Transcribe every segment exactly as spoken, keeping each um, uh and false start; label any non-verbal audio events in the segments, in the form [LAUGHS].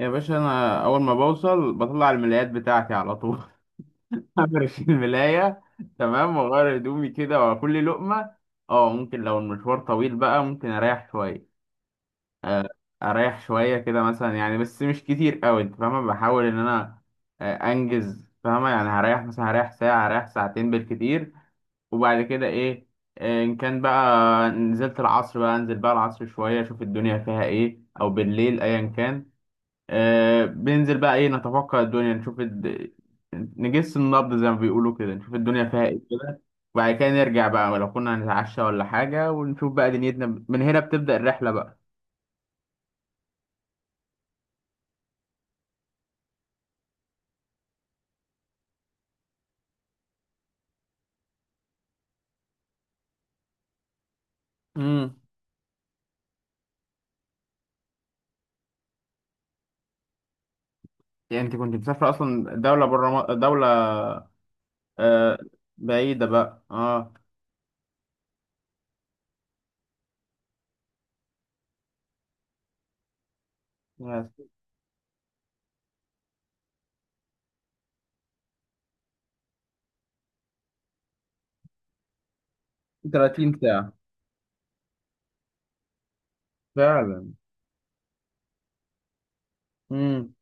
يا باشا، انا اول ما بوصل بطلع الملايات بتاعتي على طول. [LAUGHS] افرش الملايه. تمام، واغير هدومي كده واكل لقمه. اه، ممكن لو المشوار طويل بقى ممكن اريح شويه، اريح شويه كده مثلا يعني، بس مش كتير قوي. انت فاهمه، بحاول ان انا آه، انجز، فاهمه يعني؟ هريح مثلا، هريح ساعه، هريح ساعتين بالكتير. وبعد كده ايه؟ آه، ان كان بقى نزلت العصر بقى، انزل بقى العصر شويه اشوف الدنيا فيها ايه، او بالليل ايا كان. آه، بننزل بقى ايه، نتوقع الدنيا، نشوف الد... نجس النبض زي ما بيقولوا كده، نشوف الدنيا فيها ايه كده. وبعد كده نرجع بقى لو كنا هنتعشى ولا حاجة، ونشوف بقى دنيتنا. من هنا بتبدأ الرحلة بقى. امم. يعني انت كنت مسافرة اصلا دولة بره، م... دولة آه بعيدة بقى. اه. يا تلاتين ساعة! فعلا. امم.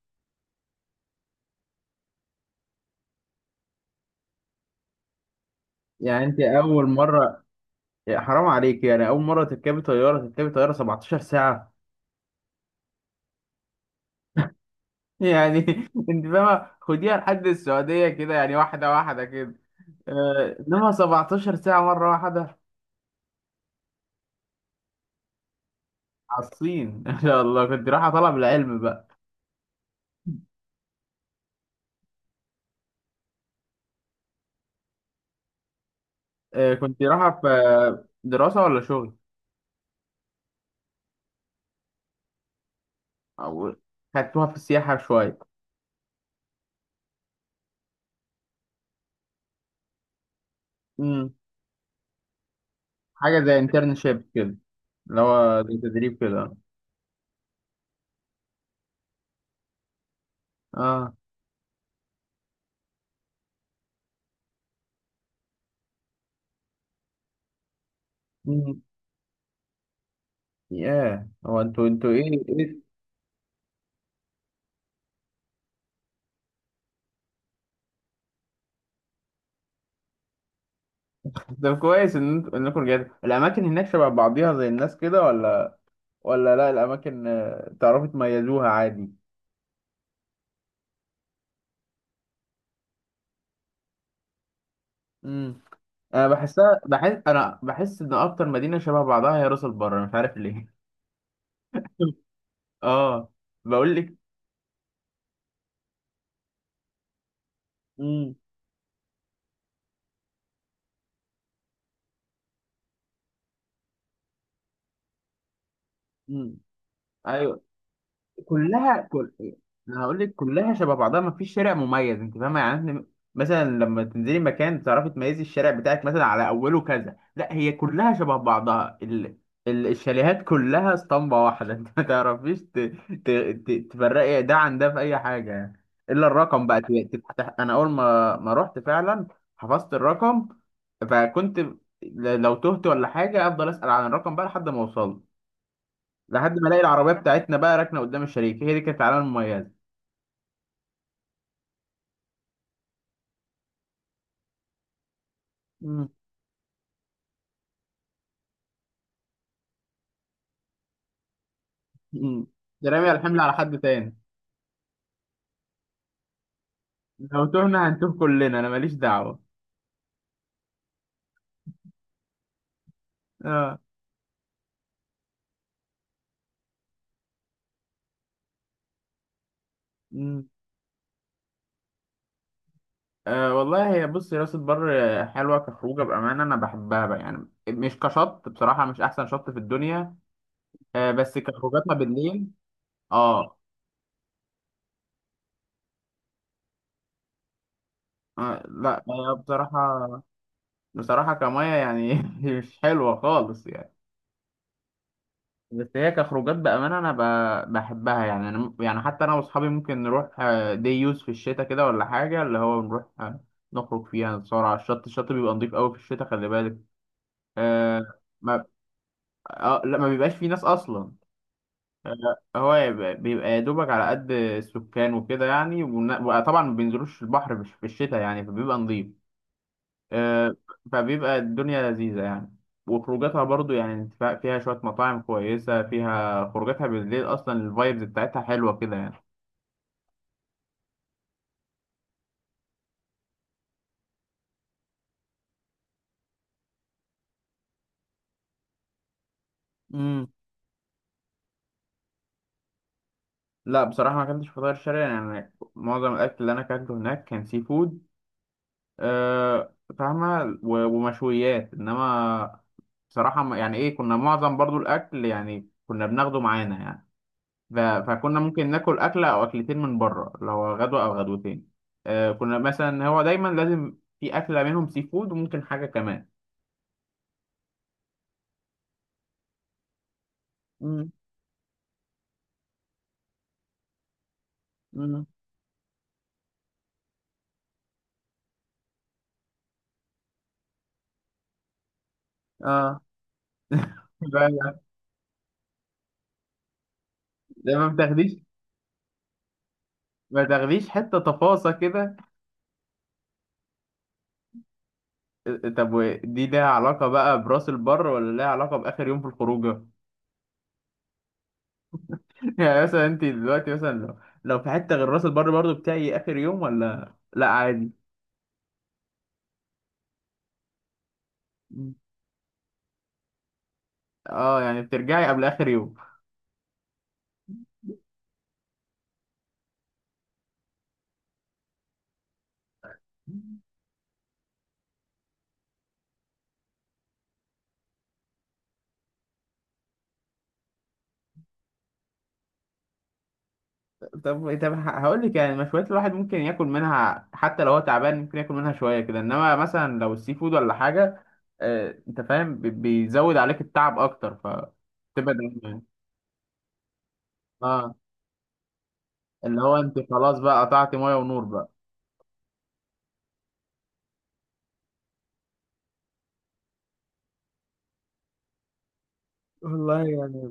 يعني انت اول مرة، يا حرام عليك، يعني اول مرة تركبي طيارة، تركبي طيارة سبعتاشر ساعة يعني! [LAUGHS] انت فاهمه، خديها لحد السعوديه كده، يعني واحده واحده كده، آه، انما سبعتاشر ساعه مره واحده! على الصين! [LAUGHS] ان شاء الله كنت رايحه طلب العلم بقى. آه، كنت رايحه في آه، دراسه ولا شغل؟ او خدتوها في السياحه شويه؟ امم. حاجه زي انترنشيب كده، اللي هو زي تدريب كده. اه. امم. ياه! هو انتوا انتوا ايه ايه طب كويس ان انتوا انكم رجعتوا. الاماكن هناك شبه بعضيها زي الناس كده، ولا ولا لا، الاماكن آه، تعرفي تميزوها عادي؟ امم. انا بحسها، بحس انا بحس ان اكتر مدينه شبه بعضها هي راس البر، مش عارف ليه. [LAUGHS] اه، بقول لك. امم. امم. ايوه. كلها، كل... انا هقول لك كلها شبه بعضها، ما فيش شارع مميز. انت فاهمه يعني؟ إحنا مثلا لما تنزلي مكان تعرفي تميزي الشارع بتاعك مثلا على اوله كذا، لا، هي كلها شبه بعضها. ال... ال... الشاليهات كلها اسطمبه واحده. [LAUGHS] انت ما تعرفيش ت... ت... ت... تفرقي ده عن ده في اي حاجه يعني، الا الرقم بقى ت... تفتح. انا اول ما ما رحت فعلا حفظت الرقم، فكنت، ل- لو تهت ولا حاجه افضل اسال عن الرقم بقى لحد ما اوصل، لحد ما الاقي العربيه بتاعتنا بقى راكنه قدام الشريك. هي دي كانت العلامه المميزه. مم. مم. ده رامي الحمل على حد تاني، لو تهنا هنتوه كلنا، انا ماليش دعوه. اه. مم. أه والله هي بص، هي راس البر آه، حلوه كخروجه بامانه، انا بحبها بقى يعني، مش كشط، بصراحه مش احسن شط في الدنيا، أه، بس كخروجاتنا بالليل. اه, آه لا، هي بصراحه، بصراحه كميه يعني [LAUGHS] مش حلوه خالص يعني. بس هي كخروجات بأمانة أنا ب- بحبها يعني. أنا م- يعني حتى أنا وأصحابي ممكن نروح آه، دي يوز في الشتاء كده ولا حاجة، اللي هو نروح آه، نخرج فيها نتصور على الشط. الشط بيبقى نضيف أوي في الشتاء، خلي بالك. آه. ما آه لا، ما بيبقاش فيه ناس أصلا. آه، هو يبقى- بيبقى يا دوبك على قد السكان وكده يعني، وطبعا ما بينزلوش البحر مش في الشتاء يعني، فبيبقى نضيف. آه، فبيبقى الدنيا لذيذة يعني، وخروجاتها برضو يعني. انت فا- فيها شوية مطاعم كويسة، فيها خروجاتها بالليل، أصلا الفايبز بتاعتها حلوة كده يعني. امم. لا، بصراحة ما أكلتش فطاير شرقي، يعني معظم الأكل اللي أنا أكلته هناك كان سي فود. آه، فاهمة، و- ومشويات، إنما بصراحة، ما- يعني إيه، كنا معظم برضو الأكل يعني كنا بناخده معانا يعني. ف- فكنا ممكن ناكل أكلة أو أكلتين من بره لو غدوة أو غدوتين. آه، كنا مثلا هو دايما لازم في أكلة منهم سي فود، وممكن حاجة كمان. امم. امم. اه بقى- ده ما بتاخديش؟ ما تاخديش حتة تفاصة كده؟ آه، طب ودي ليها علاقة بقى براس البر، ولا ليها علاقة بآخر يوم في الخروجة؟ [LAUGHS] يعني مثلا أنت دلوقتي مثلا، لو لو في حتة غير راس البر برضو بتاعي آخر يوم، ولا لا عادي؟ مم. اه، يعني بترجعي قبل آخر يوم. طب طب هقول لك، يعني مشويات الواحد ممكن ياكل منها حتى لو هو تعبان، ممكن ياكل منها شويه كده، انما مثلا لو السي فود ولا حاجه، آه، انت فاهم، بي- بيزود عليك التعب اكتر، فتبقى دايما. اه، اللي هو انت خلاص بقى قطعت ميه ونور بقى. والله يعني.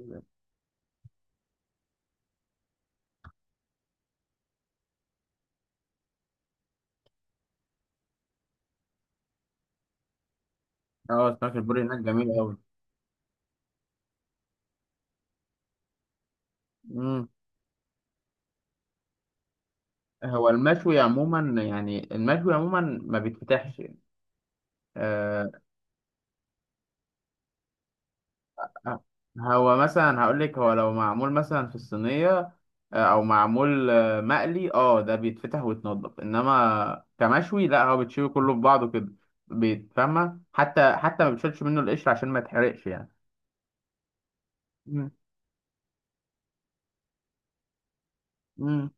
اه. سمك البوري هناك جميل قوي. امم. هو المشوي عموما، يعني المشوي عموما ما بيتفتحش. آه. آه، هو مثلا هقول لك هو لو معمول مثلا في الصينيه آه، او معمول آه، مقلي اه ده بيتفتح ويتنضف انما كمشوي لا هو بتشوي كله في بعضه كده بيتفهمها حتى حتى ما بتشيلش منه القشر عشان ما يتحرقش يعني مم. مم.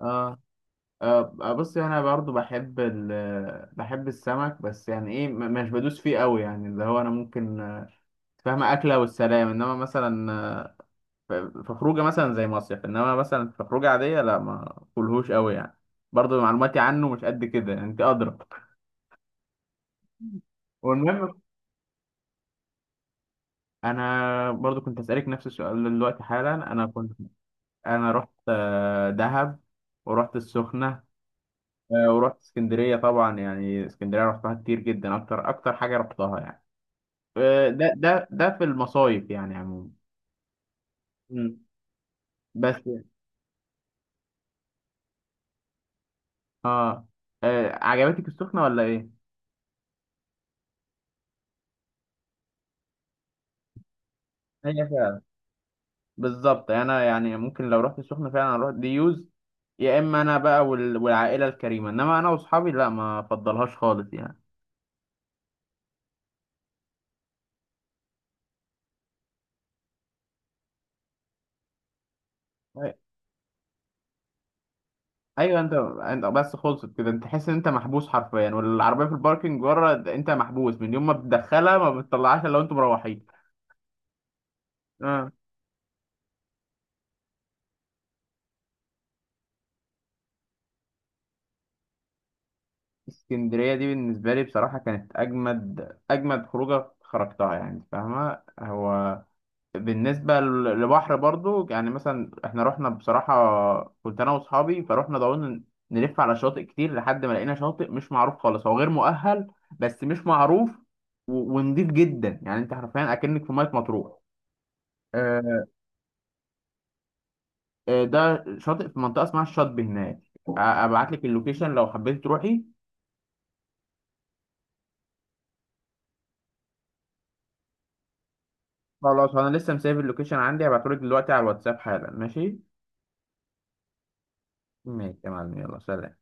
اه آه، آه، بص انا برضو بحب ال بحب السمك، بس يعني ايه، م- مش بدوس فيه قوي يعني. اللي هو انا ممكن، آه، فاهمة، أكلة والسلام، إنما مثلا آه، في في خروجة مثلا زي مصيف، إنما مثلا في خروجة عادية لا، ما أكلهوش قوي يعني، برضو معلوماتي عنه مش قد كده يعني، أنت أدرى. والمهم، انا برضو كنت اسالك نفس السؤال دلوقتي حالا. انا كنت انا رحت آه، دهب، ورحت السخنه، آه، ورحت اسكندريه طبعا، يعني اسكندريه رحتها كتير جدا، اكتر اكتر حاجه رحتها يعني. آه، ده ده ده في المصايف يعني عموما. مم. بس. اه. آه، عجبتك السخنه ولا ايه؟ هي فعلا بالظبط. انا يعني ممكن لو رحت السخنه فعلا اروح ديوز، يا اما انا بقى وال- والعائله الكريمه، انما انا واصحابي لا، ما افضلهاش خالص يعني. ايوه، انت انت بس خلصت كده انت تحس ان انت محبوس حرفيا، والعربيه في الباركنج بره، د- انت محبوس من يوم ما بتدخلها، ما بتطلعهاش الا وانتوا مروحين. اه. اسكندريه دي بالنسبه لي بصراحه كانت اجمد اجمد خروجه خرجتها يعني، فاهمه. هو بالنسبه ل- لبحر برضو يعني، مثلا احنا رحنا بصراحه، كنت انا واصحابي، فروحنا ضعونا نلف على شواطئ كتير لحد ما لقينا شاطئ مش معروف خالص، هو غير مؤهل بس مش معروف، و- ونضيف جدا يعني، انت حرفيا اكنك في ميه مطروح. آه، آه، ده شاطئ في منطقة اسمها الشاطبي هناك، ابعت لك اللوكيشن لو حبيت تروحي. خلاص، انا لسه مسافر، اللوكيشن عندي هبعته لك دلوقتي على الواتساب حالا، ماشي؟ ماشي يا معلم، يلا سلام.